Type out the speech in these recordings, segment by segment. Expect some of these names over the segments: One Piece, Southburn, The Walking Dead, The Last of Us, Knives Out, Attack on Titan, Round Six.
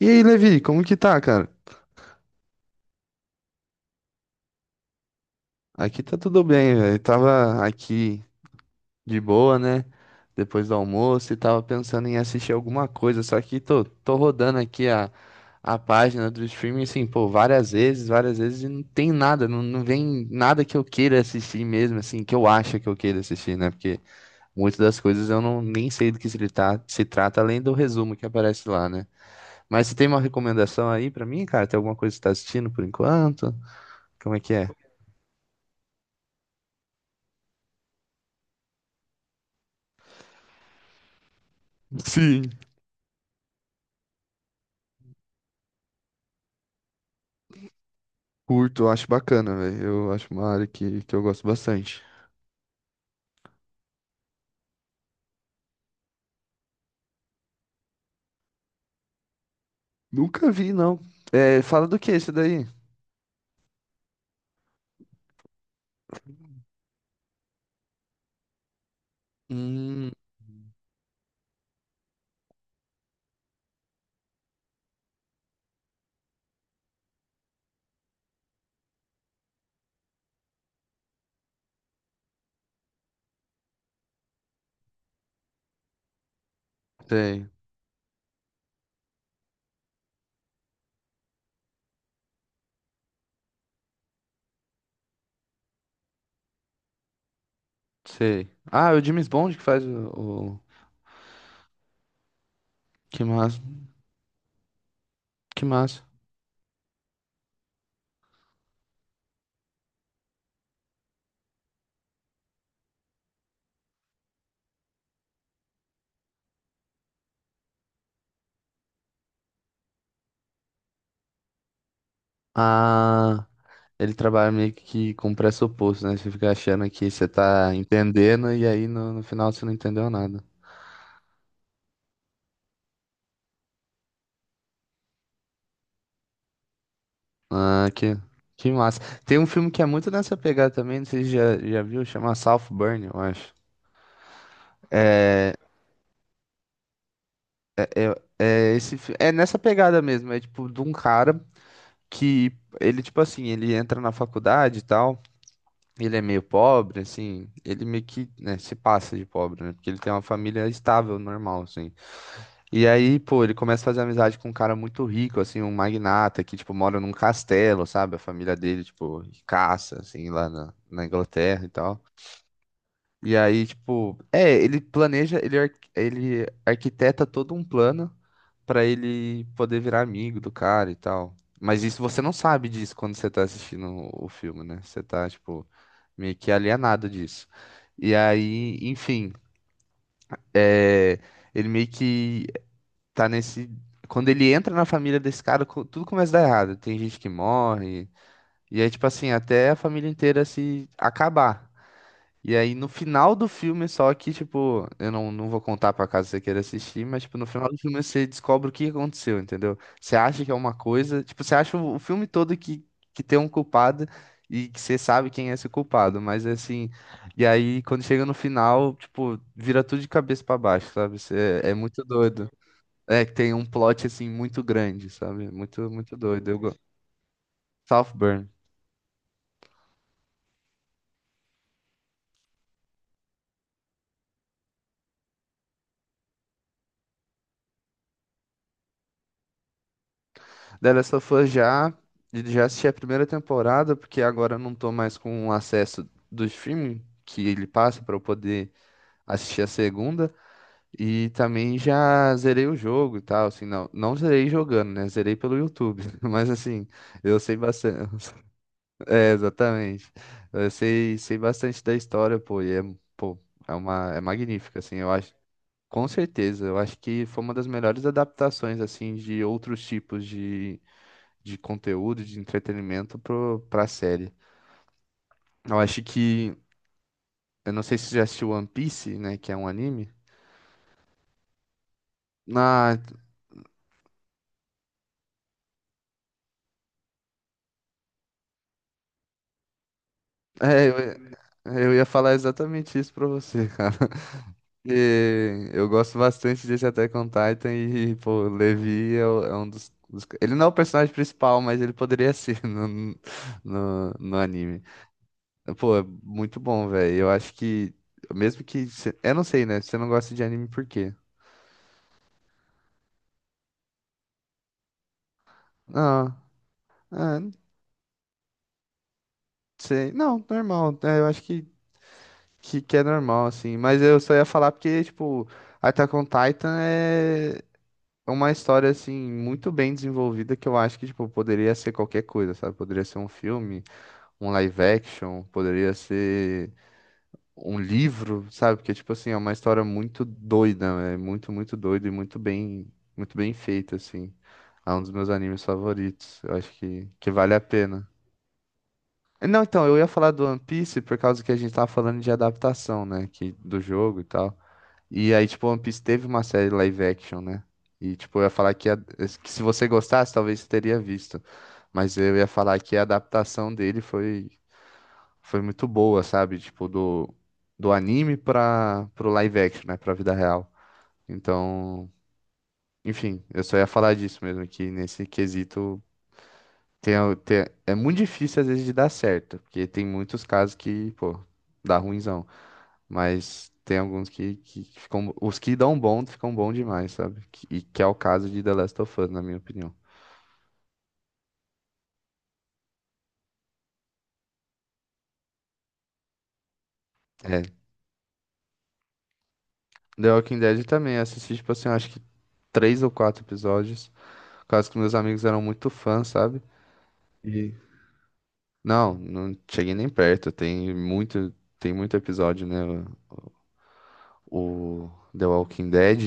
E aí, Levi, como que tá, cara? Aqui tá tudo bem, velho. Tava aqui de boa, né? Depois do almoço e tava pensando em assistir alguma coisa, só que tô rodando aqui a página do streaming, assim, pô, várias vezes e não tem nada, não vem nada que eu queira assistir mesmo, assim, que eu acho que eu queira assistir, né? Porque muitas das coisas eu não nem sei do que se trata, além do resumo que aparece lá, né? Mas você tem uma recomendação aí pra mim, cara? Tem alguma coisa que você tá assistindo por enquanto? Como é que é? Sim. Curto, acho bacana, velho. Eu acho uma área que eu gosto bastante. Nunca vi, não. É, fala do que esse daí? Hum, sei, sei. Ah, é o James Bond que faz o. Que massa, que massa. Ah, ele trabalha meio que com pressuposto, né? Você fica achando que você tá entendendo e aí no final você não entendeu nada. Ah, que, que massa. Tem um filme que é muito nessa pegada também, não sei se já viu, chama Southburn, eu acho. É. É, esse, é nessa pegada mesmo, é tipo de um cara que ele, tipo assim, ele entra na faculdade e tal. Ele é meio pobre, assim, ele meio que, né, se passa de pobre, né? Porque ele tem uma família estável, normal, assim. E aí, pô, ele começa a fazer amizade com um cara muito rico, assim, um magnata que, tipo, mora num castelo, sabe? A família dele, tipo, caça, assim, lá na Inglaterra e tal. E aí, tipo, é, ele planeja, ele arquiteta todo um plano pra ele poder virar amigo do cara e tal. Mas isso você não sabe disso quando você tá assistindo o filme, né? Você tá, tipo, meio que alienado disso. E aí, enfim, é, ele meio que tá nesse. Quando ele entra na família desse cara, tudo começa a dar errado. Tem gente que morre. E aí, tipo assim, até a família inteira se acabar. E aí no final do filme, só que, tipo, eu não, não vou contar pra caso você queira assistir, mas, tipo, no final do filme você descobre o que aconteceu, entendeu? Você acha que é uma coisa, tipo, você acha o filme todo que tem um culpado e que você sabe quem é esse culpado, mas assim, e aí quando chega no final, tipo, vira tudo de cabeça pra baixo, sabe? Você, é muito doido. É que tem um plot, assim, muito grande, sabe? Muito, muito doido. Southburn. The Last of Us já assisti a primeira temporada, porque agora eu não tô mais com o acesso do streaming que ele passa pra eu poder assistir a segunda. E também já zerei o jogo e tal, assim, não zerei jogando, né? Zerei pelo YouTube, mas assim, eu sei bastante. É, exatamente. Sei bastante da história, pô, e é, pô, é uma, é magnífica, assim, eu acho. Com certeza, eu acho que foi uma das melhores adaptações, assim, de outros tipos de conteúdo, de entretenimento pro, pra série. Eu acho que. Eu não sei se você já assistiu One Piece, né? Que é um anime. Ah, é, eu ia falar exatamente isso pra você, cara. E eu gosto bastante desse Attack on Titan e, pô, o Levi é um Ele não é o personagem principal, mas ele poderia ser no, no, no anime. Pô, é muito bom, velho. Eu acho que. Mesmo que. Eu não sei, né? Você não gosta de anime por quê? Não. Sei. Não, normal. É, eu acho que é normal, assim. Mas eu só ia falar porque, tipo, Attack on Titan é uma história, assim, muito bem desenvolvida que eu acho que, tipo, poderia ser qualquer coisa, sabe? Poderia ser um filme, um live action, poderia ser um livro, sabe? Porque, tipo, assim, é uma história muito doida, né? É muito, muito doida e muito bem feita, assim. É um dos meus animes favoritos. Eu acho que vale a pena. Não, então, eu ia falar do One Piece por causa que a gente tava falando de adaptação, né? Que, do jogo e tal. E aí, tipo, One Piece teve uma série live action, né? E, tipo, eu ia falar que se você gostasse, talvez você teria visto. Mas eu ia falar que a adaptação dele foi, foi muito boa, sabe? Tipo, do anime pro live action, né? Pra vida real. Então, enfim, eu só ia falar disso mesmo, que nesse quesito tem, é muito difícil às vezes de dar certo, porque tem muitos casos que, pô, dá ruinzão. Mas tem alguns que ficam. Os que dão bom ficam bom demais, sabe? E que é o caso de The Last of Us, na minha opinião. É. The Walking Dead também. Eu assisti, tipo assim, eu acho que 3 ou 4 episódios. Por causa que meus amigos eram muito fãs, sabe? E. Não, não cheguei nem perto. Tem muito episódio, né? O The Walking Dead.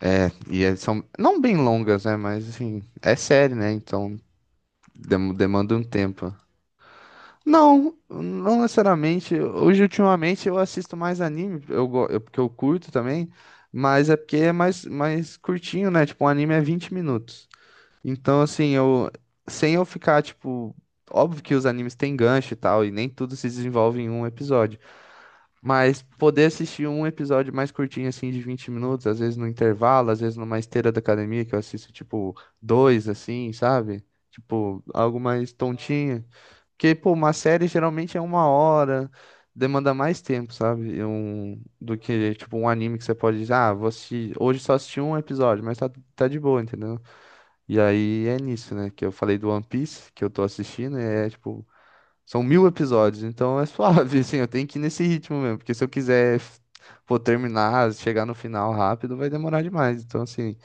É, e elas são não bem longas, né? Mas assim, é série, né? Então demanda um tempo. Não, não necessariamente. Hoje, ultimamente, eu assisto mais anime, eu, porque eu curto também, mas é porque é mais, curtinho, né? Tipo, um anime é 20 minutos. Então, assim, eu sem eu ficar, tipo, óbvio que os animes têm gancho e tal, e nem tudo se desenvolve em um episódio. Mas poder assistir um episódio mais curtinho, assim, de 20 minutos, às vezes no intervalo, às vezes numa esteira da academia, que eu assisto, tipo, dois, assim, sabe? Tipo, algo mais tontinho. Porque, pô, uma série geralmente é uma hora, demanda mais tempo, sabe? Do que, tipo, um anime que você pode dizer, ah, vou assistir, hoje só assisti um episódio, mas tá, tá de boa, entendeu? E aí é nisso, né? Que eu falei do One Piece, que eu tô assistindo, e é, tipo, são 1.000 episódios, então é suave, assim, eu tenho que ir nesse ritmo mesmo, porque se eu quiser, pô, terminar, chegar no final rápido, vai demorar demais. Então, assim,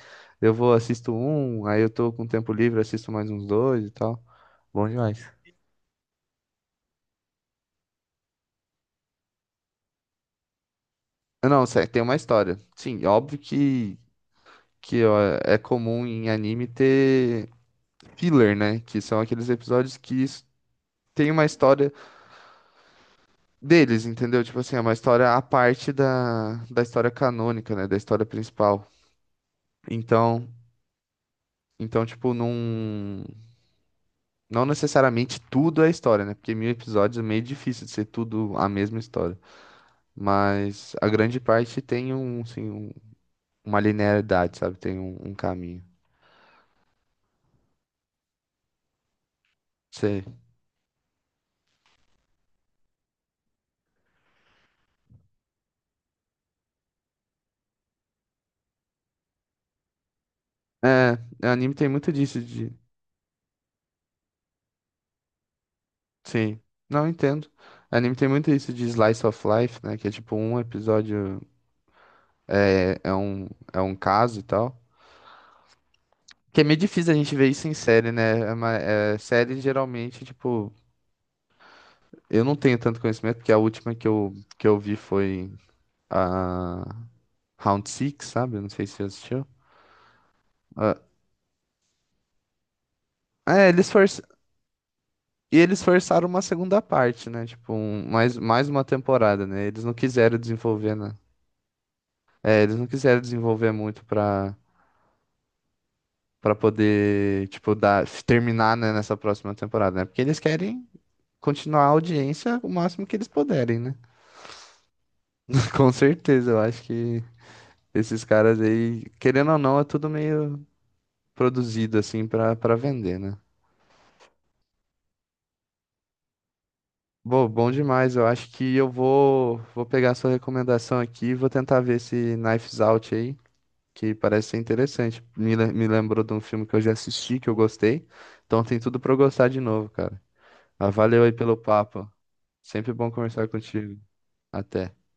eu assisto um, aí eu tô com tempo livre, assisto mais uns dois e tal. Bom demais. Ah, não, tem uma história. Sim, óbvio que ó, é comum em anime ter filler, né? Que são aqueles episódios que tem uma história deles, entendeu? Tipo assim, é uma história à parte da, da história canônica, né? Da história principal. Então. Então, tipo, não. Não necessariamente tudo é história, né? Porque 1.000 episódios é meio difícil de ser tudo a mesma história. Mas a grande parte tem um, assim, uma linearidade, sabe? Tem um, um caminho. Sei. É, anime tem muito disso de. Sim. Não entendo. Anime tem muito isso de slice of life, né? Que é tipo um episódio é, é um, é um caso e tal. Que é meio difícil a gente ver isso em série, né? Série geralmente, tipo. Eu não tenho tanto conhecimento, porque a última que eu vi foi a Round Six, sabe? Eu não sei se você assistiu. Ah, é, E eles forçaram uma segunda parte, né? Tipo, mais uma temporada, né? Eles não quiseram desenvolver, né? É, eles não quiseram desenvolver muito pra, pra poder, tipo, dar, terminar, né, nessa próxima temporada, né? Porque eles querem continuar a audiência o máximo que eles puderem, né? Com certeza, eu acho que esses caras aí, querendo ou não, é tudo meio produzido assim pra para vender, né? Bom, bom demais. Eu acho que eu vou pegar a sua recomendação aqui e vou tentar ver esse Knives Out aí, que parece ser interessante. Me lembrou de um filme que eu já assisti, que eu gostei. Então tem tudo pra eu gostar de novo, cara. Ah, valeu aí pelo papo. Sempre bom conversar contigo. Até.